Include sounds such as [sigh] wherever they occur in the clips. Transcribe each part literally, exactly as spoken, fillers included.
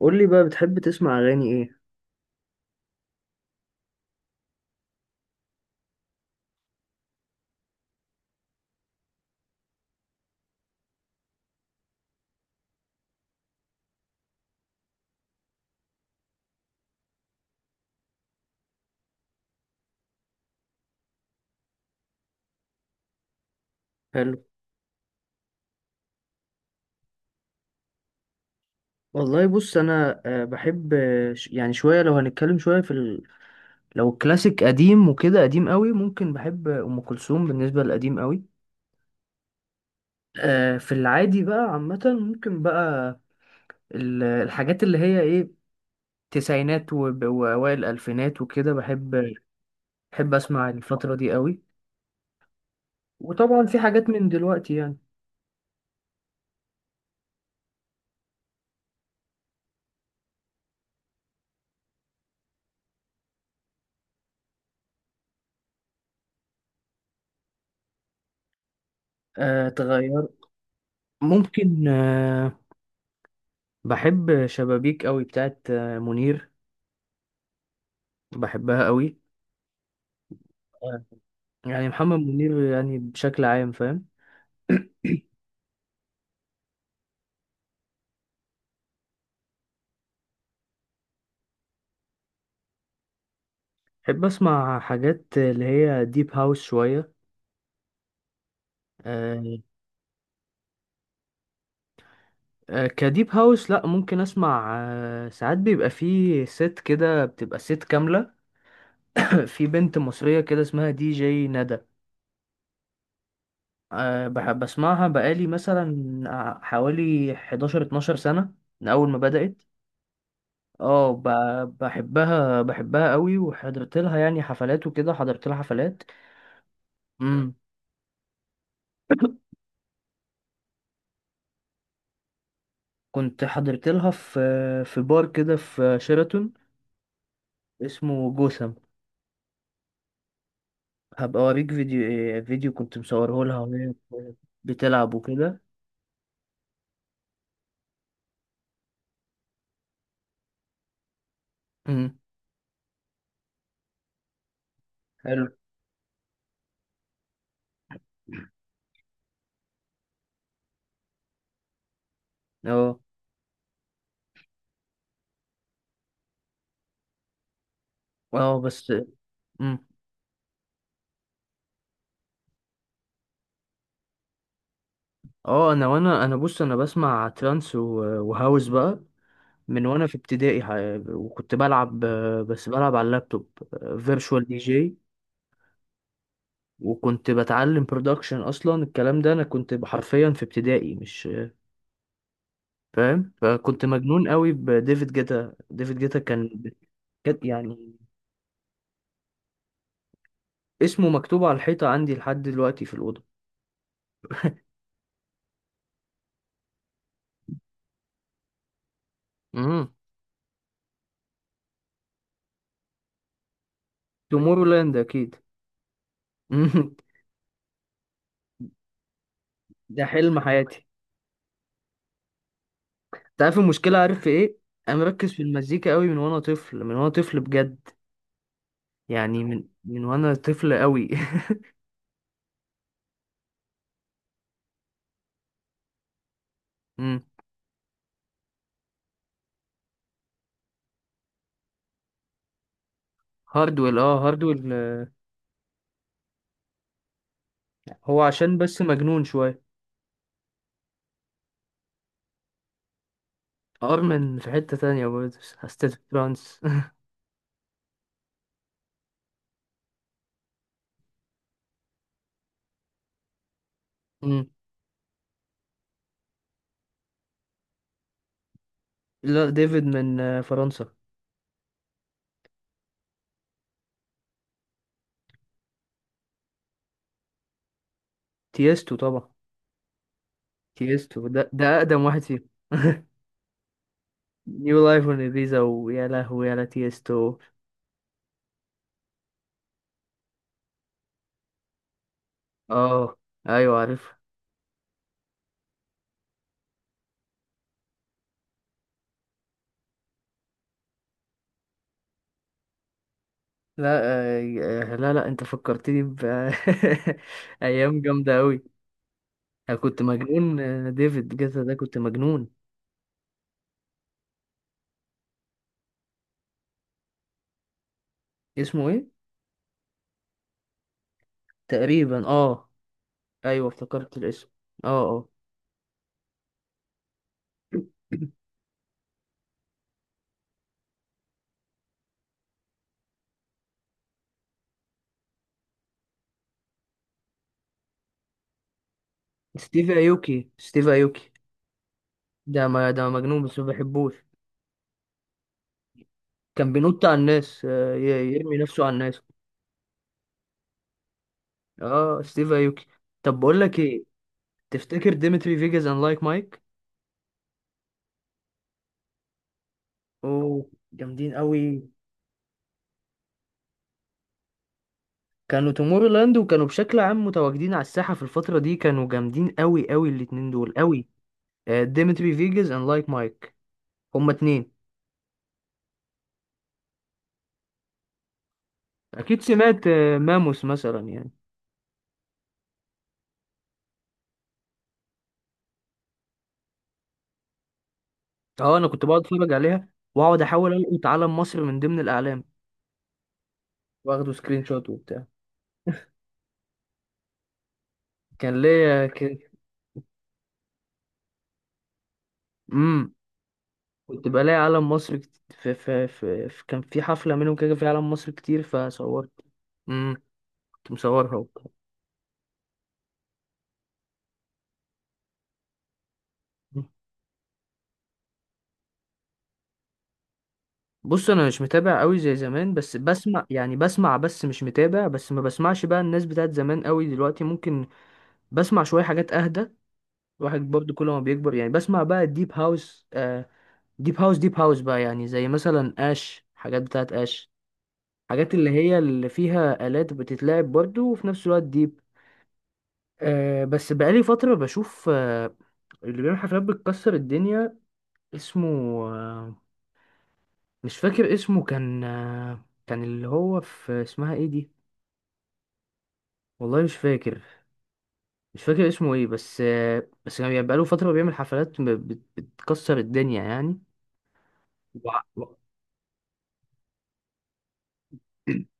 قول لي بقى، بتحب تسمع اغاني ايه؟ حلو. والله بص انا، آه، بحب، آه، ش- يعني شويه، لو هنتكلم شويه في ال... لو كلاسيك قديم وكده، قديم قوي ممكن بحب ام كلثوم بالنسبه للقديم قوي. آه، في العادي بقى عامه ممكن بقى ال- الحاجات اللي هي ايه، تسعينات وب- واوائل الالفينات وكده بحب بحب اسمع الفتره دي قوي. وطبعا في حاجات من دلوقتي يعني. آه، تغير ممكن. آه، بحب شبابيك قوي بتاعت آه، منير. بحبها قوي. آه. يعني محمد منير يعني بشكل عام فاهم. بحب اسمع حاجات اللي هي ديب هاوس شوية. آه آه كديب هاوس لا، ممكن اسمع آه ساعات بيبقى فيه ست كده، بتبقى ست كاملة. [coughs] [clears throat] في بنت مصرية كده اسمها دي جي ندى. آه بحب اسمعها بقالي مثلا آه، حوالي احداشر اتناشر سنة من اول ما بدأت. اه، ب- بحبها بحبها قوي، وحضرت لها يعني حفلات وكده، حضرت لها حفلات. مم. كنت حضرت لها في في بار كده في شيراتون، اسمه جوثام. هبقى اوريك فيديو، فيديو كنت مصوره لها وهي بتلعب وكده. أمم. حلو. اه اه بس. أمم. اه، انا وانا انا بص، انا بسمع ترانس و- وهاوس بقى من وانا في ابتدائي. ح- وكنت بلعب، آه، بس بلعب على اللابتوب فيرتشوال دي جي. وكنت بتعلم برودكشن اصلا الكلام ده. انا كنت حرفيا في ابتدائي مش فاهم، فكنت مجنون قوي بديفيد جيتا. ديفيد جيتا كان كان يعني اسمه مكتوب على الحيطة عندي لحد دلوقتي في الأوضة. امم. تومورو لاند أكيد. [laughs] ده حلم حياتي. انت عارف المشكلة، عارف في ايه؟ انا مركز في المزيكا قوي، من وانا طفل من وانا طفل بجد. يعني من من وانا طفل قوي. [laughs] مم. هاردويل، اه هاردويل، آه، هو عشان بس مجنون شوية. ارمن في حتة تانية برضه، ستيت فرانس. [laughs] مم. لا، ديفيد من آه، فرنسا. تيستو طبعا. تيستو ده ده اقدم واحد فيهم. [laughs] نيو لايف اون ايبيزا، ويا لهوي يا لا تيستو. اه ايوه عارف. لا. آه، آه، لا لا انت فكرتني ب. [laughs] ايام جامده قوي. انا كنت مجنون، آه، ديفيد جيتا ده كنت مجنون. اسمه ايه؟ تقريبا اه. ايوه افتكرت الاسم. اه اه. [coughs] [clears throat] ستيف ايوكي، ستيف ايوكي. ده ما ده مجنون بس ما بحبوش. كان بينط على الناس، آه، ي- يرمي نفسه على الناس. اه ستيف ايوكي. طب بقول لك ايه، تفتكر ديمتري فيجاس اند لايك مايك؟ اوه جامدين قوي. كانوا تومورو لاند، وكانوا بشكل عام متواجدين على الساحة في الفترة دي. كانوا جامدين قوي قوي الاتنين دول قوي. آه، ديمتري فيجاس اند لايك مايك، هما اتنين. اكيد سمعت، آه، ماموس مثلا يعني. اه، انا كنت بقعد اتفرج عليها، واقعد احاول القط علم مصر من ضمن الاعلام، واخده سكرين شوت وبتاع. كان ليا كده. امم. كنت بلاقي علم مصر، كت- في, في, في, في كان في حفلة منهم كده في علم مصر كتير فصورت. امم. كنت مصورها. بص انا مش متابع قوي زي زمان، بس بسمع يعني، بسمع بس مش متابع. بس ما بسمعش بقى الناس بتاعت زمان قوي دلوقتي، ممكن بسمع شوية حاجات اهدى. الواحد برضو كل ما بيكبر يعني، بسمع بقى الديب هاوس. آه. ديب هاوس ديب هاوس بقى يعني، زي مثلا اش، حاجات بتاعت اش، حاجات اللي هي اللي فيها آلات بتتلعب برضو، وفي نفس الوقت ديب. آه بس بقالي فترة بشوف. آه، اللي بيعمل حفلات بتكسر الدنيا اسمه، آه، مش فاكر اسمه. كان آه كان اللي هو في، اسمها ايه دي، والله مش فاكر مش فاكر اسمه ايه. بس، بس كان يعني بقاله فترة بيعمل حفلات ب- بت- بتكسر الدنيا يعني. وع- و- [clears throat]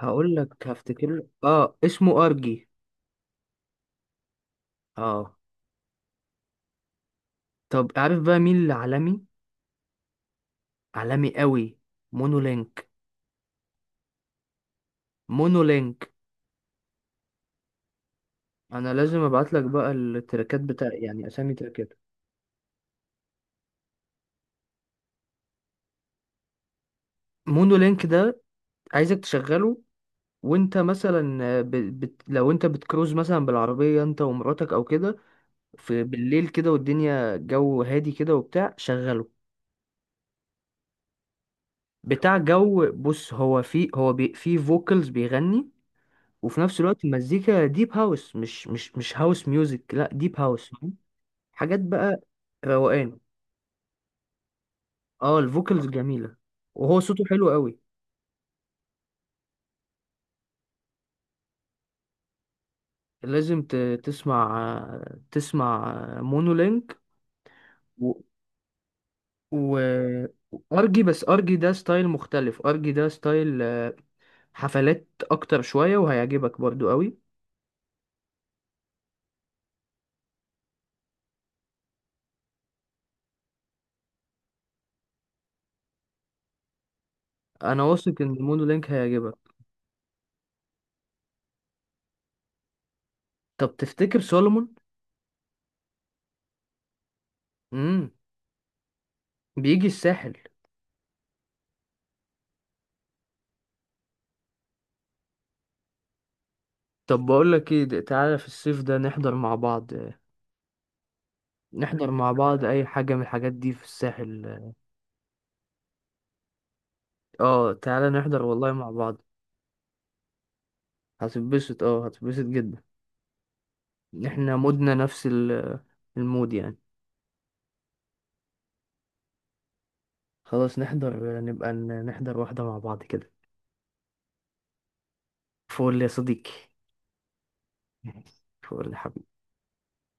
هقول لك، هفتكر اه اسمه ارجي. اه. طب عارف بقى مين اللي عالمي، عالمي قوي؟ مونولينك. مونولينك. انا لازم ابعت لك بقى التراكات بتاع، يعني اسامي تراكات. مونولينك ده عايزك تشغله، وانت مثلا آه، ب... بت... لو انت بتكروز مثلا بالعربية انت ومراتك او كده، في بالليل كده والدنيا جو هادي كده وبتاع، شغله. بتاع جو، بص هو في، هو بي في فوكالز بيغني، وفي نفس الوقت المزيكا ديب هاوس، مش مش مش هاوس ميوزك، لا ديب هاوس فاهم؟ حاجات بقى روقان. اه الفوكالز جميلة. وهو صوته حلو قوي. لازم ت- تسمع تسمع مونولينك و و ارجي. بس ارجي ده ستايل مختلف. ارجي ده ستايل حفلات اكتر شوية، وهيعجبك برضو قوي. انا واثق ان مونو لينك هيعجبك. طب تفتكر سولومون؟ امم. بيجي الساحل. طب بقول لك ايه، ده- تعالى في الصيف ده نحضر مع بعض، نحضر مع بعض اي حاجه من الحاجات دي في الساحل. اه تعالى نحضر والله مع بعض. هتتبسط، اه هتتبسط جدا. احنا مودنا نفس ال- المود يعني. خلاص نحضر، نبقى ن- نحضر واحده مع بعض كده. فول يا صديقي. فول يا حبيبي.